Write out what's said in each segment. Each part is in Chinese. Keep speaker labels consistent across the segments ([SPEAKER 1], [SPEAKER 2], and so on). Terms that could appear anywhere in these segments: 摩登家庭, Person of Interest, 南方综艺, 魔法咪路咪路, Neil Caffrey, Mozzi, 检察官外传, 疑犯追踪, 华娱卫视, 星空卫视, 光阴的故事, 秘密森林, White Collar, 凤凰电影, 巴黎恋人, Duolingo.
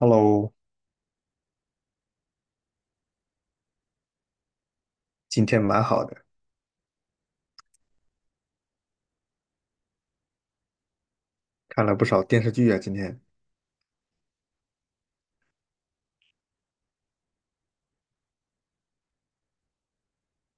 [SPEAKER 1] Hello,今天蛮好的，看了不少电视剧啊。今天，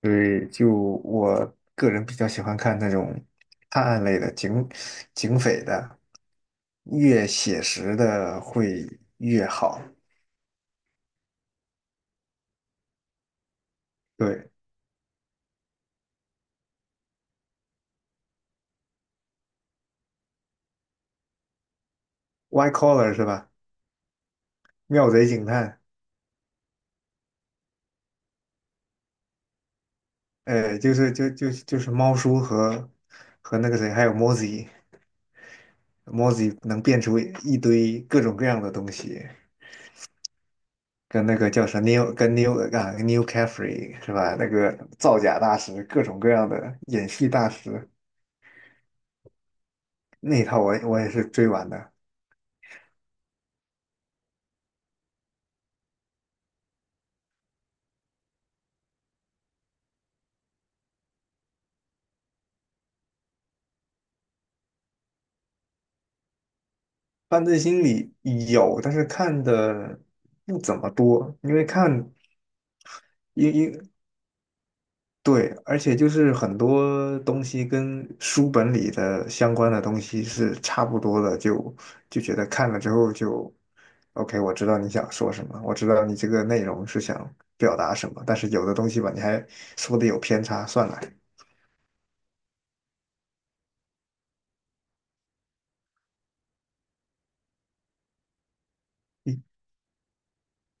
[SPEAKER 1] 对，我个人比较喜欢看那种探案类的、警匪的，越写实的会越好。对，White Collar 是吧？妙贼警探，就是猫叔和和那个谁，还有 m o z z i Mozzi 能变出一堆各种各样的东西，跟那个叫啥 Neil, 跟 Neil 啊 n e i Caffrey 是吧？那个造假大师，各种各样的演戏大师那一套我也是追完的。犯罪心理有，但是看的不怎么多，因为看因因对，而且就是很多东西跟书本里的相关的东西是差不多的，就觉得看了之后就，OK,我知道你想说什么，我知道你这个内容是想表达什么，但是有的东西吧，你还说的有偏差，算了，嗯，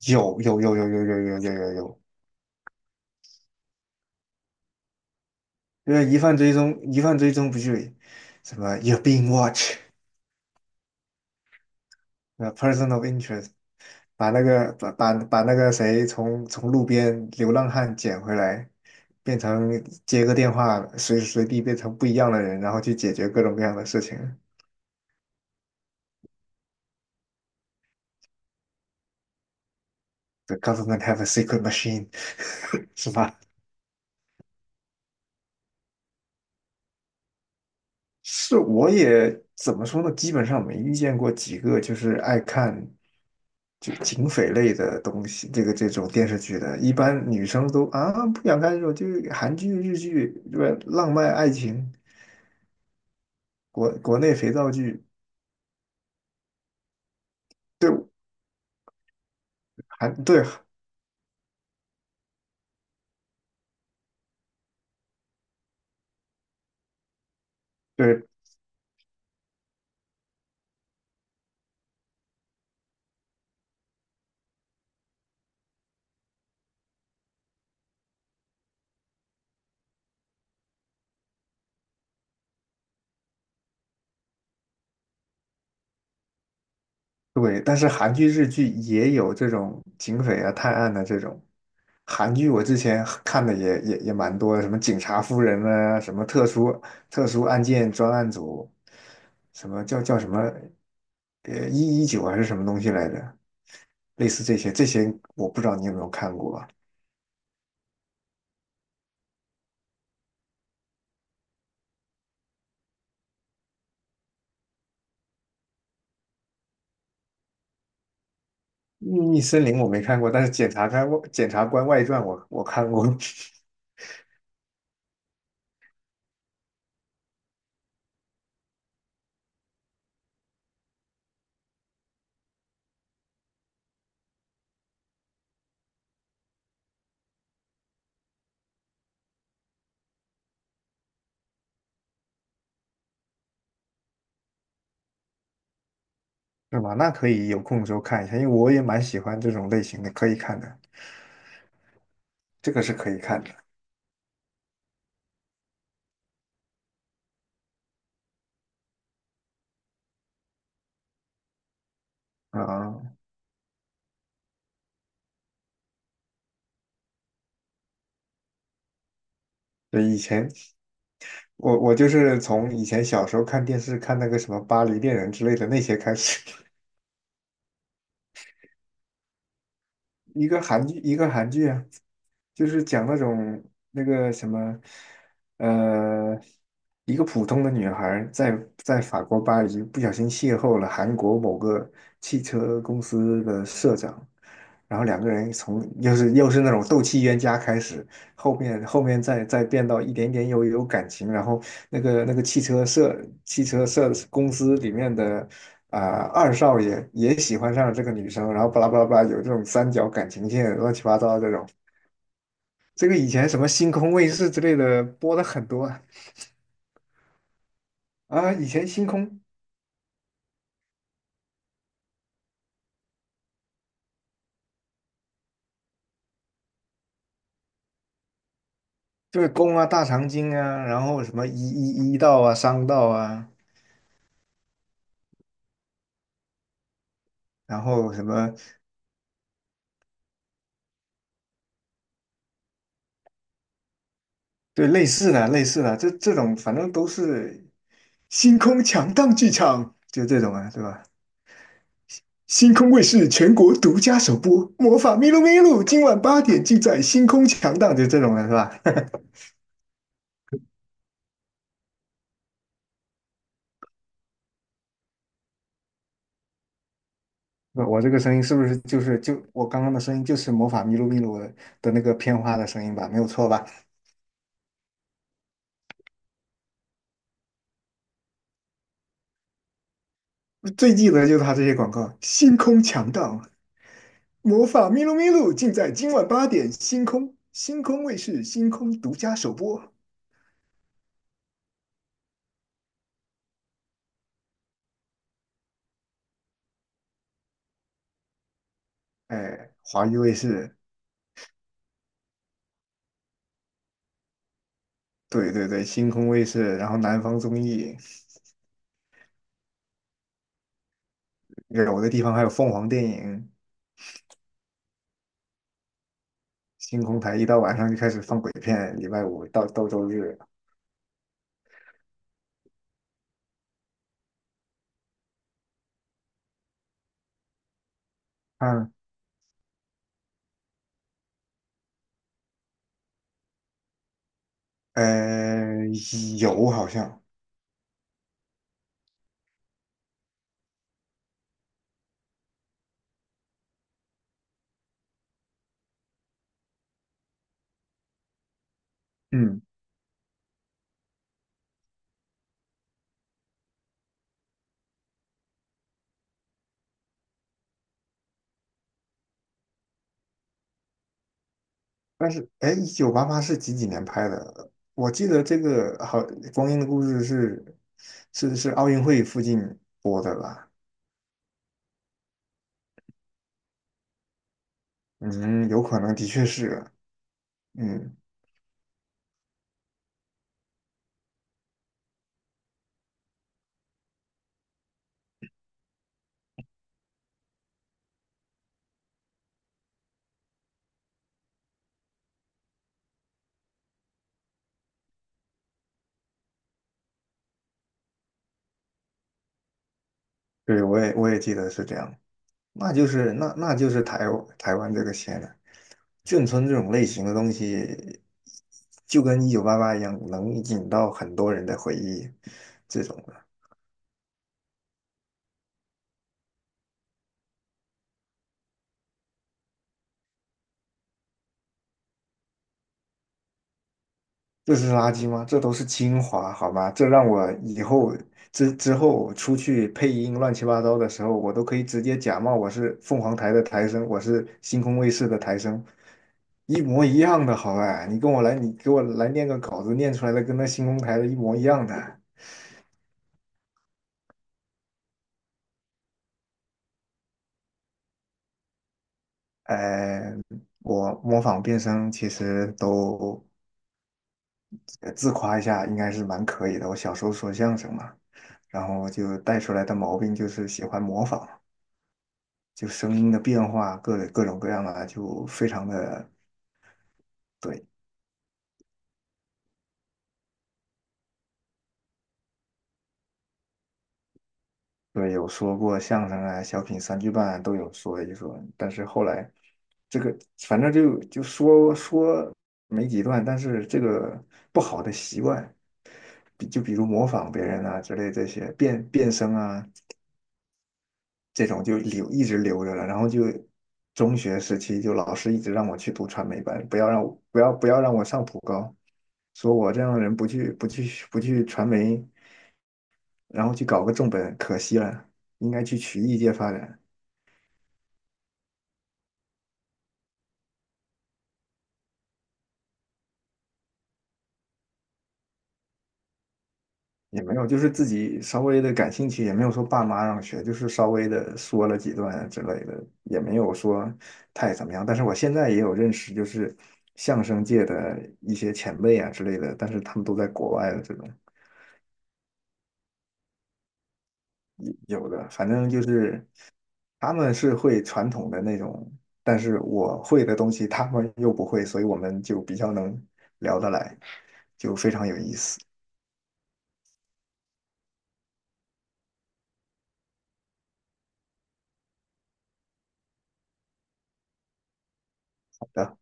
[SPEAKER 1] 有有有有有有有有有有，因为疑犯追踪不就什么 You're being watched。呃，Person of Interest,把那个把把把那个谁从从路边流浪汉捡回来，变成接个电话，随时随地变成不一样的人，然后去解决各种各样的事情。The government have a secret machine,是吧？是，我也怎么说呢？基本上没遇见过几个就是爱看就警匪类的东西，这种电视剧的，一般女生都啊不想看这种，就是韩剧、日剧，对吧？浪漫爱情。国内肥皂剧，对，韩，对对对，但是韩剧、日剧也有这种警匪啊、探案的这种。韩剧我之前看的也蛮多的，什么警察夫人啊，什么特殊案件专案组，什么叫叫什么呃，119还是什么东西来着？类似这些，这些我不知道你有没有看过啊？《秘密森林》我没看过，但是检察官外传》我看过。是吗？那可以有空的时候看一下，因为我也蛮喜欢这种类型的，可以看的，这个是可以看的啊。对，以前我就是从以前小时候看电视看那个什么《巴黎恋人》之类的那些开始，一个韩剧，一个韩剧啊，就是讲那种那个什么，呃，一个普通的女孩儿在法国巴黎不小心邂逅了韩国某个汽车公司的社长，然后两个人从又是那种斗气冤家开始，后面再变到一点点有感情，然后那个汽车社公司里面的啊、二少爷也喜欢上了这个女生，然后巴拉巴拉巴拉有这种三角感情线，乱七八糟的这种。这个以前什么星空卫视之类的播的很多啊，啊以前星空，就是宫啊、大长今啊，然后什么一道啊、商道啊，然后什么对，类似的这种，反正都是星空强档剧场，就这种啊，对吧？星空卫视全国独家首播《魔法咪路咪路》，今晚八点尽在星空强档，就这种的是吧？我这个声音是不是就是我刚刚的声音就是魔法咪路咪路的的那个片花的声音吧？没有错吧？我最记得就是他这些广告，星空强档，魔法咪路咪路尽在今晚八点，星空卫视星空独家首播。哎，华娱卫视，对对对，星空卫视，然后南方综艺，有的地方还有凤凰电影，星空台一到晚上就开始放鬼片，礼拜五到周日，嗯，呃，有好像。嗯。但是，哎，一九八八是几几年拍的？我记得这个好，《光阴的故事》是，是奥运会附近播的吧？嗯，有可能的确是，嗯，对，我也记得是这样。那就是台湾这个县了。眷村这种类型的东西，就跟一九八八一样，能引到很多人的回忆。这种。这是垃圾吗？这都是精华，好吗？这让我以后之后出去配音乱七八糟的时候，我都可以直接假冒我是凤凰台的台声，我是星空卫视的台声，一模一样的，好吧？你跟我来，你给我来念个稿子，念出来的跟那星空台的一模一样的。呃，我模仿变声其实都，呃，自夸一下，应该是蛮可以的。我小时候说相声嘛，然后就带出来的毛病就是喜欢模仿。就声音的变化，各种各样的，就非常的对，对，有说过相声啊、小品、三句半啊都有说一说，但是后来这个反正就说说没几段，但是这个不好的习惯，就比如模仿别人啊之类这些变声啊这种就留一直留着了，然后就。中学时期就老师一直让我去读传媒班，不要让我不要让我上普高，说我这样的人不去传媒然后去搞个重本，可惜了，应该去曲艺界发展，也没有，就是自己稍微的感兴趣，也没有说爸妈让学，就是稍微的说了几段之类的，也没有说太怎么样。但是我现在也有认识，就是相声界的一些前辈啊之类的，但是他们都在国外的这种有，有的，反正就是他们是会传统的那种，但是我会的东西他们又不会，所以我们就比较能聊得来，就非常有意思。好的。